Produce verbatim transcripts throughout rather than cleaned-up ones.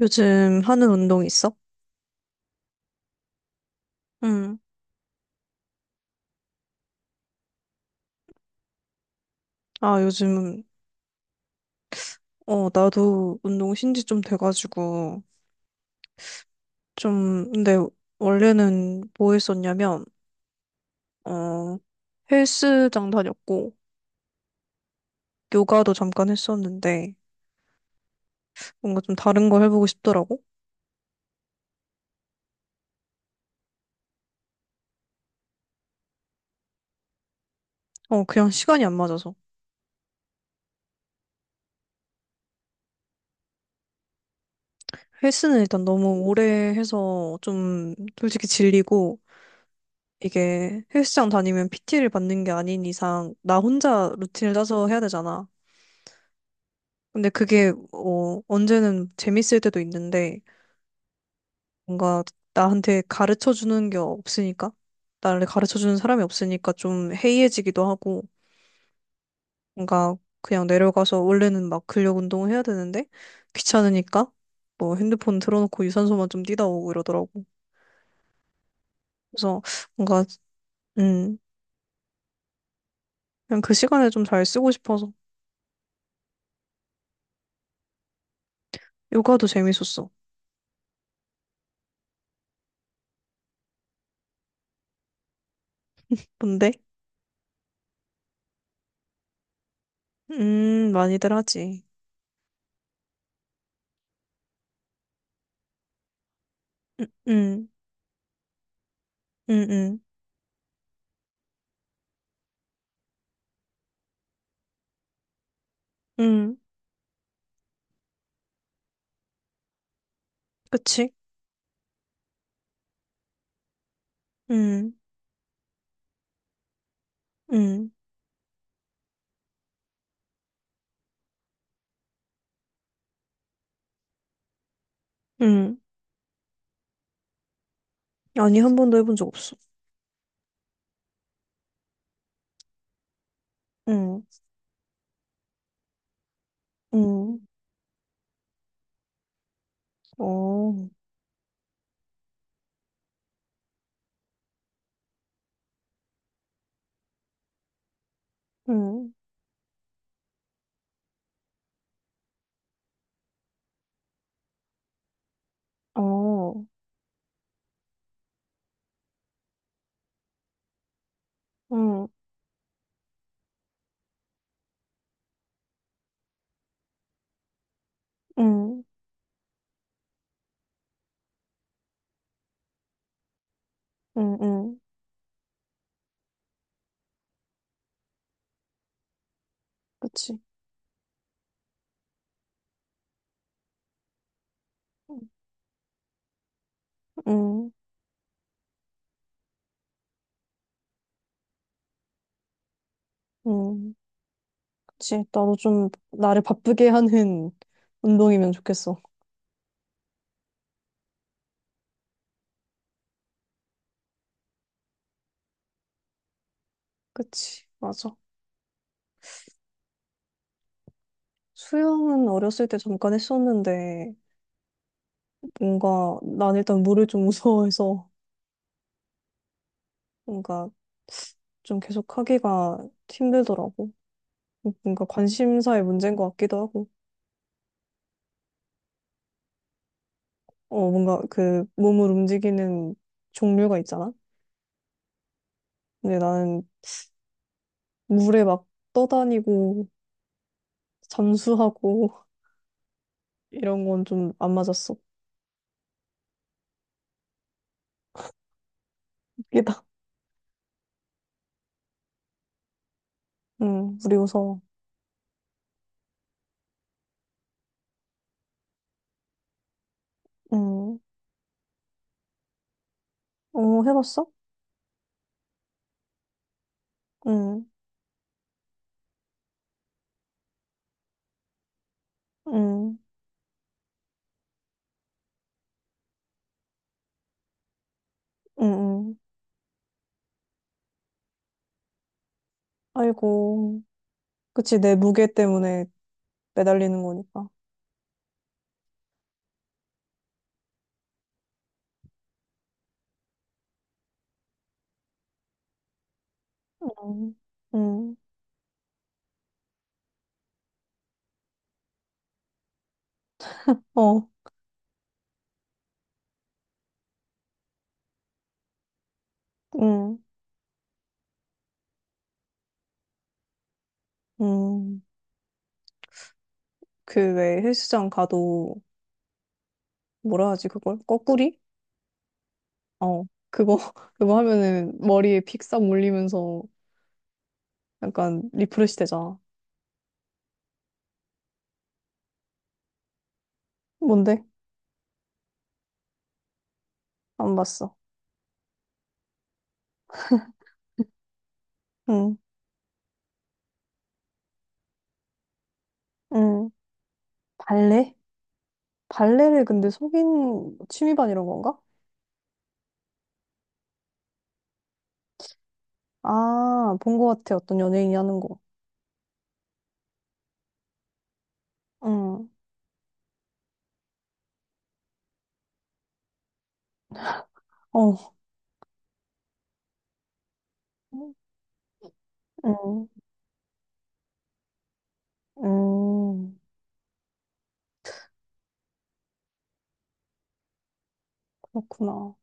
요즘 하는 운동 있어? 응. 아, 요즘, 어, 나도 운동 신지 좀 돼가지고, 좀, 근데 원래는 뭐 했었냐면, 어, 헬스장 다녔고, 요가도 잠깐 했었는데, 뭔가 좀 다른 거 해보고 싶더라고? 어, 그냥 시간이 안 맞아서. 헬스는 일단 너무 오래 해서 좀 솔직히 질리고, 이게 헬스장 다니면 피티를 받는 게 아닌 이상, 나 혼자 루틴을 짜서 해야 되잖아. 근데 그게 어, 언제는 재밌을 때도 있는데 뭔가 나한테 가르쳐 주는 게 없으니까 나를 가르쳐 주는 사람이 없으니까 좀 해이해지기도 하고 뭔가 그냥 내려가서 원래는 막 근력 운동을 해야 되는데 귀찮으니까 뭐 핸드폰 틀어놓고 유산소만 좀 뛰다 오고 이러더라고. 그래서 뭔가 음 그냥 그 시간에 좀 잘 쓰고 싶어서 요가도 재밌었어. 근데 음 많이들 하지. 음 음 음 음 음, 그치? 음 음. 응. 아니, 한 번도 해본 적 없어. 응, 응, 어, 응, 어, 응, 응, 응, 응. 그치. 응, 응. 그치. 나도 좀 나를 바쁘게 하는 운동이면 좋겠어. 그치. 맞아. 수영은 어렸을 때 잠깐 했었는데, 뭔가, 난 일단 물을 좀 무서워해서, 뭔가 좀 계속 하기가 힘들더라고. 뭔가 관심사의 문제인 것 같기도 하고. 어, 뭔가 그 몸을 움직이는 종류가 있잖아? 근데 나는 물에 막 떠다니고 잠수하고 이런 건 좀 안 맞았어. 웃기다. 응, 물이 무서워. 응. 어, 해봤어? 응, 응, 응, 응. 아이고. 그치, 내 무게 때문에 매달리는 거니까. 응, 응, 어, 응, 응. 그 왜 헬스장 가도 뭐라 하지, 그걸? 거꾸리? 어, 그거, 그거 하면은 머리에 픽싹 물리면서 약간 리프레시 되잖아. 뭔데? 안 봤어. 응, 응. 발레? 발레를 근데 속인 취미반 이런 건가? 아, 본 것 같아. 어떤 연예인이 하는 거. 응, 어, 응, 응 그렇구나.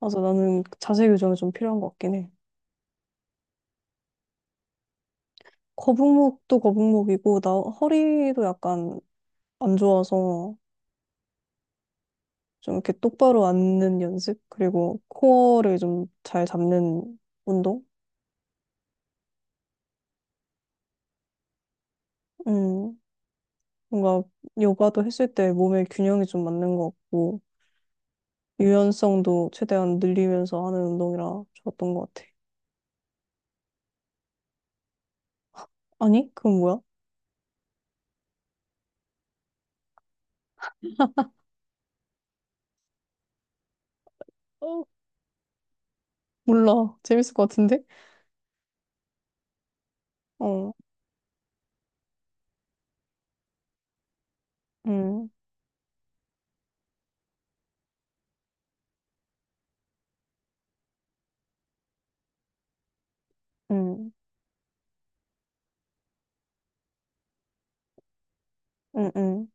맞아, 나는 자세 교정이 좀 필요한 것 같긴 해. 거북목도 거북목이고, 나 허리도 약간 안 좋아서. 좀 이렇게 똑바로 앉는 연습? 그리고 코어를 좀 잘 잡는 운동? 음, 뭔가 요가도 했을 때 몸의 균형이 좀 맞는 것 같고, 유연성도 최대한 늘리면서 하는 운동이라 좋았던 것 같아. 아니? 그건 뭐야? 어, 몰라. 재밌을 것 같은데? 어, 음, 음, 음, 음,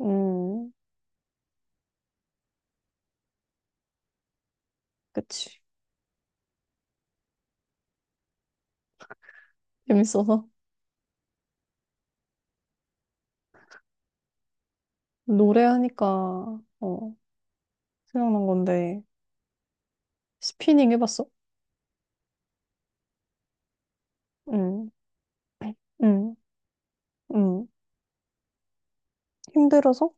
음, 그치. 재밌어서. 노래하니까, 어, 생각난 건데, 스피닝 해봤어? 응, 응, 응. 힘들어서?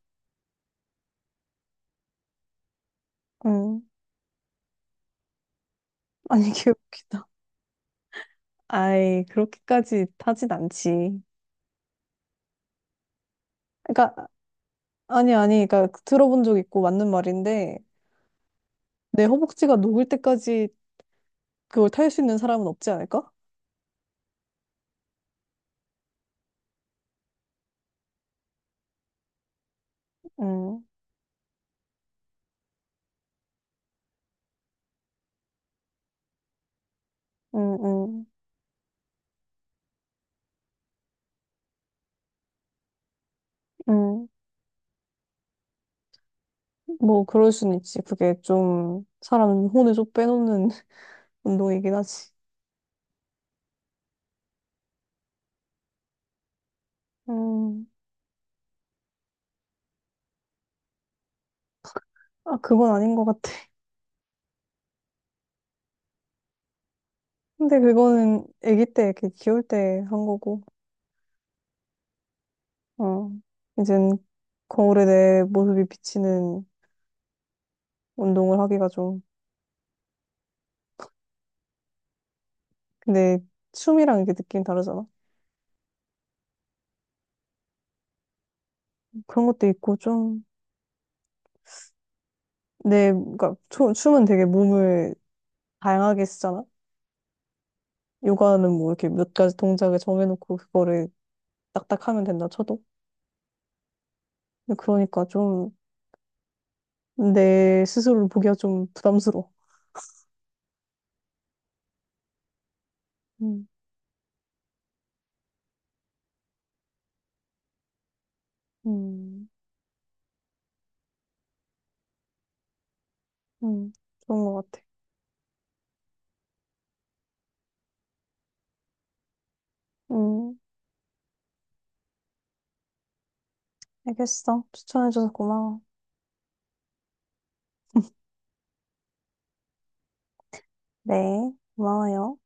응. 아니, 귀엽기다. 아이, 그렇게까지 타진 않지. 그러니까, 아니, 아니, 그러니까 들어본 적 있고 맞는 말인데, 내 허벅지가 녹을 때까지 그걸 탈 수 있는 사람은 없지 않을까? 응, 응, 응, 응. 뭐, 그럴 순 있지. 그게 좀, 사람 혼을 좀 빼놓는 운동이긴 하지. 음, 아, 그건 아닌 것 같아. 근데 그거는 아기 때, 이렇게 귀여울 때 한 거고, 어. 이젠 거울에 내 모습이 비치는 운동을 하기가 좀 근데 춤이랑 이게 느낌이 다르잖아. 그런 것도 있고 좀 내, 그러니까 추- 춤은 되게 몸을 다양하게 쓰잖아. 요가는 뭐 이렇게 몇 가지 동작을 정해놓고 그거를 딱딱 하면 된다 쳐도. 근데 그러니까 좀 내 스스로를 보기가 좀 부담스러워. 음, 음, 음, 좋은 것 같아. 음, 알겠어. 추천해줘서 고마워. 네, 고마워요.